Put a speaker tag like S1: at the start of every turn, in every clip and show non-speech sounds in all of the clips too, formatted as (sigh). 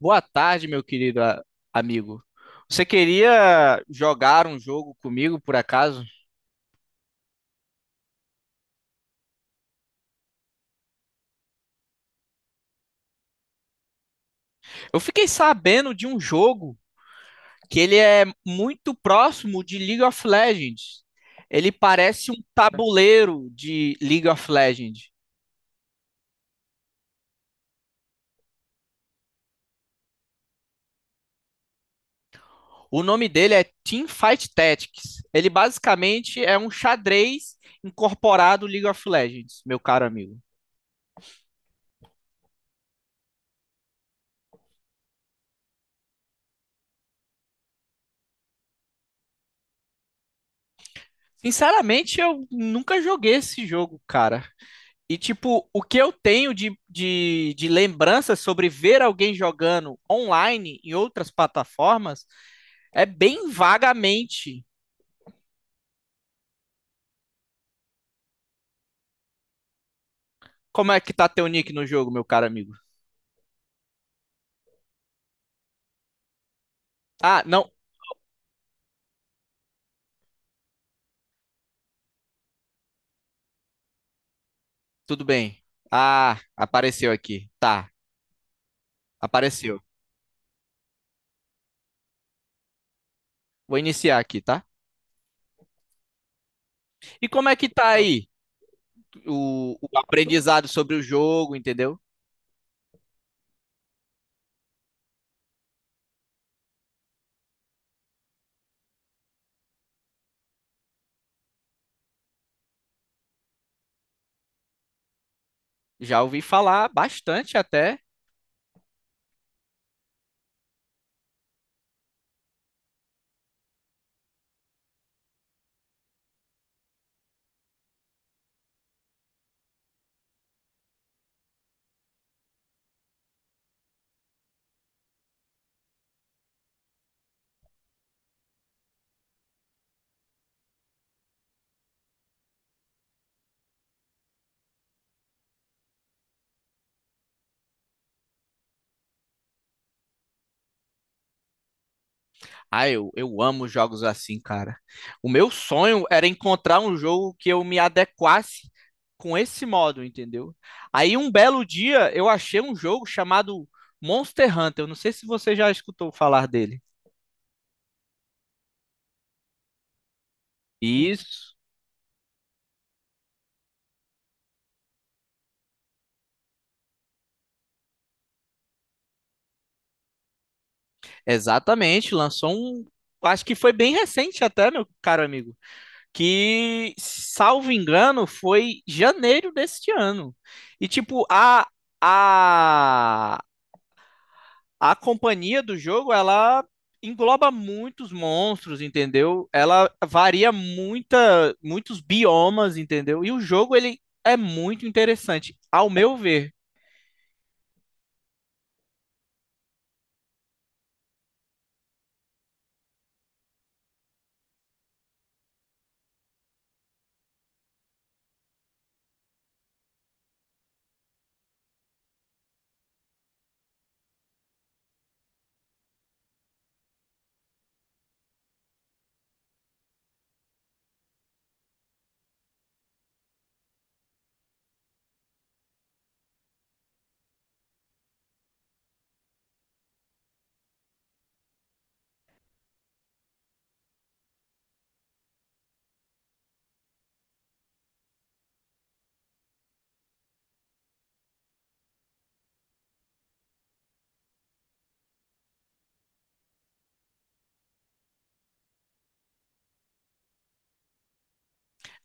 S1: Boa tarde, meu querido amigo. Você queria jogar um jogo comigo, por acaso? Eu fiquei sabendo de um jogo que ele é muito próximo de League of Legends. Ele parece um tabuleiro de League of Legends. O nome dele é Team Fight Tactics. Ele basicamente é um xadrez incorporado League of Legends, meu caro amigo. Sinceramente, eu nunca joguei esse jogo, cara. E, tipo, o que eu tenho de lembrança sobre ver alguém jogando online em outras plataformas é bem vagamente. Como é que tá teu nick no jogo, meu caro amigo? Ah, não, tudo bem. Ah, apareceu aqui. Tá, apareceu. Vou iniciar aqui, tá? E como é que tá aí o aprendizado sobre o jogo, entendeu? Já ouvi falar bastante até. Ah, eu amo jogos assim, cara. O meu sonho era encontrar um jogo que eu me adequasse com esse modo, entendeu? Aí um belo dia eu achei um jogo chamado Monster Hunter. Eu não sei se você já escutou falar dele. Isso. Exatamente, lançou um. Acho que foi bem recente até, meu caro amigo. Que, salvo engano, foi janeiro deste ano. E, tipo, a, a companhia do jogo, ela engloba muitos monstros, entendeu? Ela varia muita, muitos biomas, entendeu? E o jogo, ele é muito interessante, ao meu ver.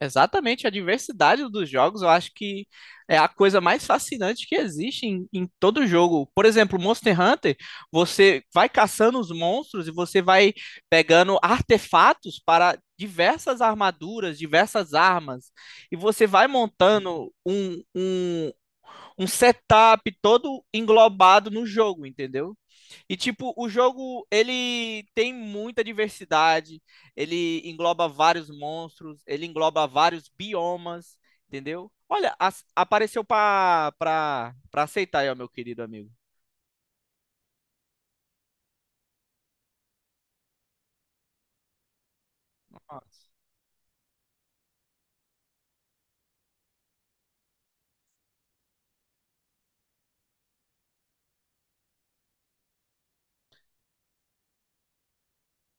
S1: Exatamente, a diversidade dos jogos eu acho que é a coisa mais fascinante que existe em todo jogo. Por exemplo, Monster Hunter, você vai caçando os monstros e você vai pegando artefatos para diversas armaduras, diversas armas, e você vai montando um setup todo englobado no jogo, entendeu? E, tipo, o jogo, ele tem muita diversidade, ele engloba vários monstros, ele engloba vários biomas, entendeu? Olha, apareceu pra aceitar aí, ó, meu querido amigo. Nossa.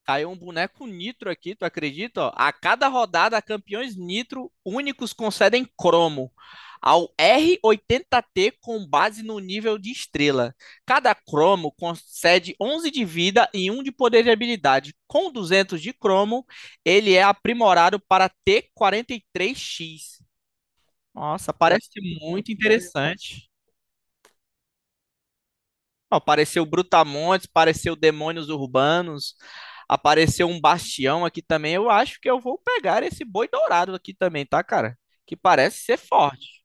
S1: Caiu um boneco nitro aqui, tu acredita? Ó? A cada rodada, campeões nitro únicos concedem cromo ao R80T com base no nível de estrela. Cada cromo concede 11 de vida e um de poder de habilidade. Com 200 de cromo, ele é aprimorado para T43X. Nossa, parece muito interessante. Não, apareceu Brutamontes, apareceu Demônios Urbanos, apareceu um Bastião aqui também. Eu acho que eu vou pegar esse boi dourado aqui também, tá, cara? Que parece ser forte.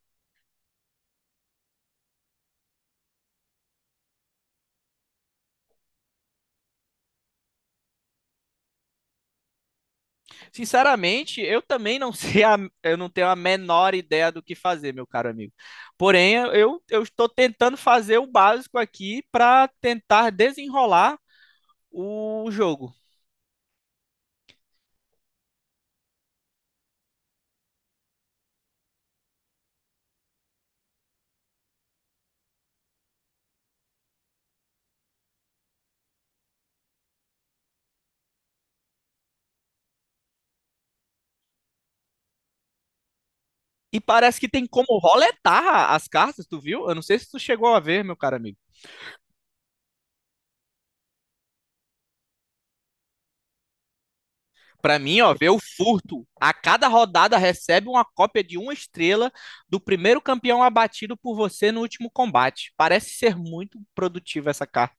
S1: Sinceramente, eu também não (laughs) sei, eu não tenho a menor ideia do que fazer, meu caro amigo. Porém, eu estou tentando fazer o básico aqui para tentar desenrolar o jogo. E parece que tem como roletar as cartas, tu viu? Eu não sei se tu chegou a ver, meu caro amigo. Para mim, ó, ver o furto. A cada rodada recebe uma cópia de uma estrela do primeiro campeão abatido por você no último combate. Parece ser muito produtiva essa carta.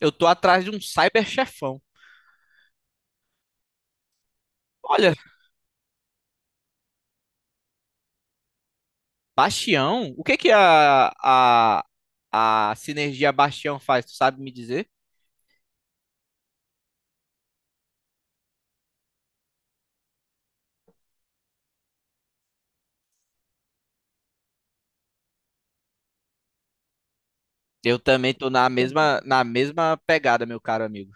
S1: Eu tô atrás de um cyber chefão. Olha, Bastião, o que que a sinergia Bastião faz? Tu sabe me dizer? Eu também tô na mesma pegada, meu caro amigo.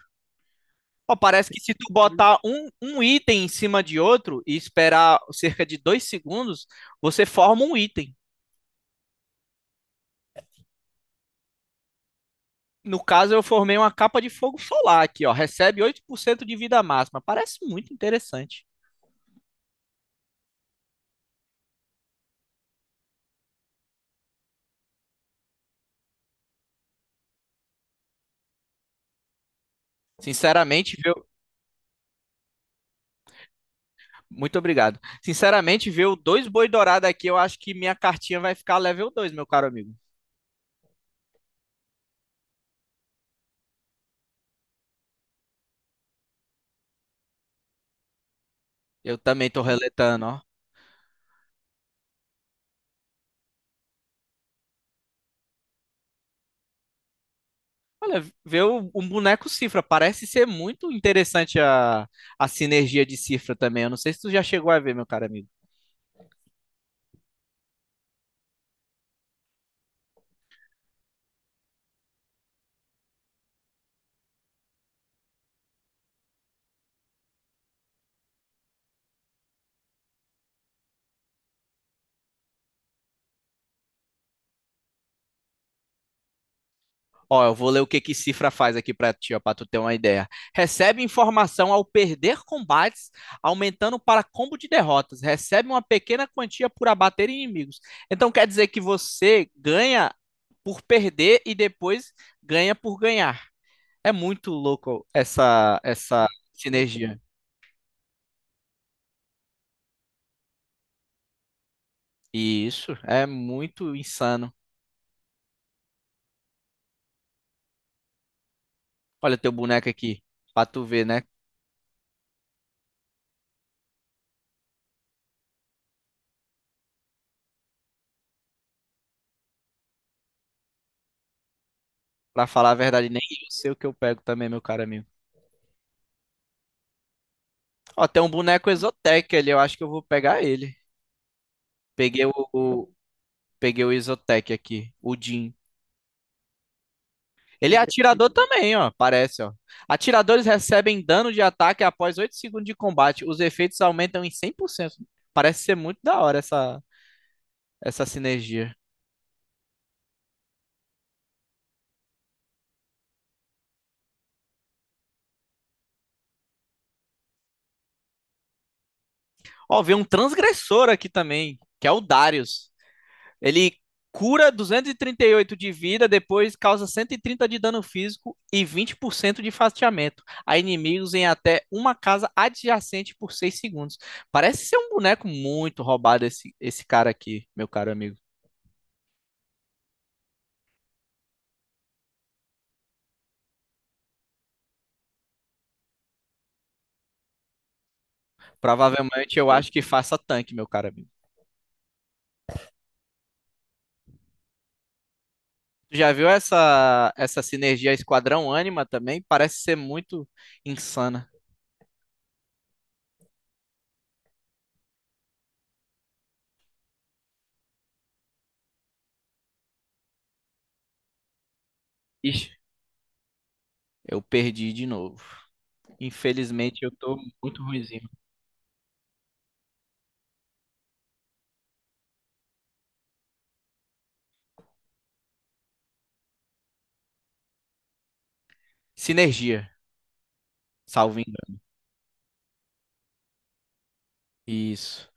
S1: Ó, parece que se tu botar um item em cima de outro e esperar cerca de 2 segundos, você forma um item. No caso, eu formei uma capa de fogo solar aqui, ó. Recebe 8% de vida máxima. Parece muito interessante. Sinceramente, viu? Muito obrigado. Sinceramente, ver o dois boi dourado aqui, eu acho que minha cartinha vai ficar level 2, meu caro amigo. Eu também tô reletando, ó. Olha, ver o boneco Cifra parece ser muito interessante a sinergia de Cifra também. Eu não sei se tu já chegou a ver, meu caro amigo. Ó, eu vou ler o que que Cifra faz aqui para ti, ó, para tu ter uma ideia. Recebe informação ao perder combates, aumentando para combo de derrotas. Recebe uma pequena quantia por abater inimigos. Então quer dizer que você ganha por perder e depois ganha por ganhar. É muito louco essa sinergia. Isso é muito insano. Olha teu boneco aqui, para tu ver, né? Para falar a verdade, nem eu sei o que eu pego também, meu caro amigo. Ó, tem um boneco Exotec ali, eu acho que eu vou pegar ele. Peguei o Exotec aqui, o Jhin. Ele é atirador também, ó, parece, ó. Atiradores recebem dano de ataque após 8 segundos de combate. Os efeitos aumentam em 100%. Parece ser muito da hora essa sinergia. Ó, veio um transgressor aqui também, que é o Darius. Ele cura duzentos e trinta e oito de vida, depois causa 130 de dano físico e 20% de fatiamento a inimigos em até uma casa adjacente por 6 segundos. Parece ser um boneco muito roubado esse cara aqui, meu caro amigo. Provavelmente eu acho que faça tanque, meu caro amigo. Tu já viu essa sinergia Esquadrão Ânima também? Parece ser muito insana. Ixi, eu perdi de novo. Infelizmente eu tô muito ruimzinho. Sinergia, salvo engano. Isso.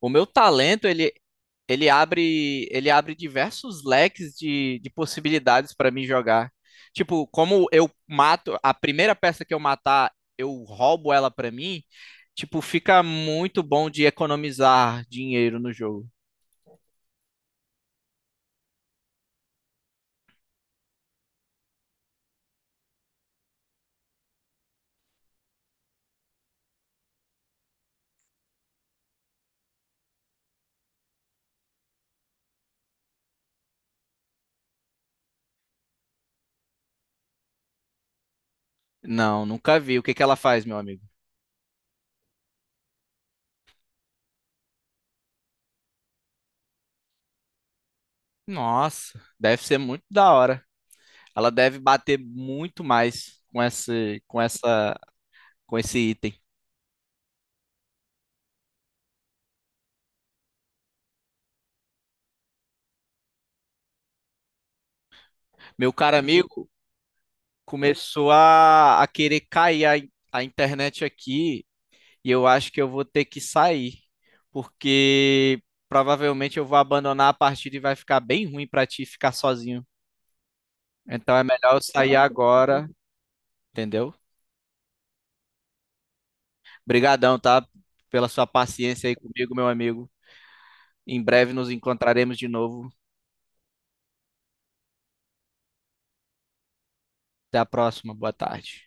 S1: O meu talento, ele abre diversos leques de possibilidades para mim jogar. Tipo, como eu mato, a primeira peça que eu matar, eu roubo ela para mim, tipo, fica muito bom de economizar dinheiro no jogo. Não, nunca vi. O que que ela faz, meu amigo? Nossa, deve ser muito da hora. Ela deve bater muito mais com esse, com esse item. Meu caro amigo, começou a querer cair a internet aqui e eu acho que eu vou ter que sair, porque provavelmente eu vou abandonar a partida e vai ficar bem ruim pra ti ficar sozinho. Então é melhor eu sair agora, entendeu? Obrigadão, tá? Pela sua paciência aí comigo, meu amigo. Em breve nos encontraremos de novo. Até a próxima. Boa tarde.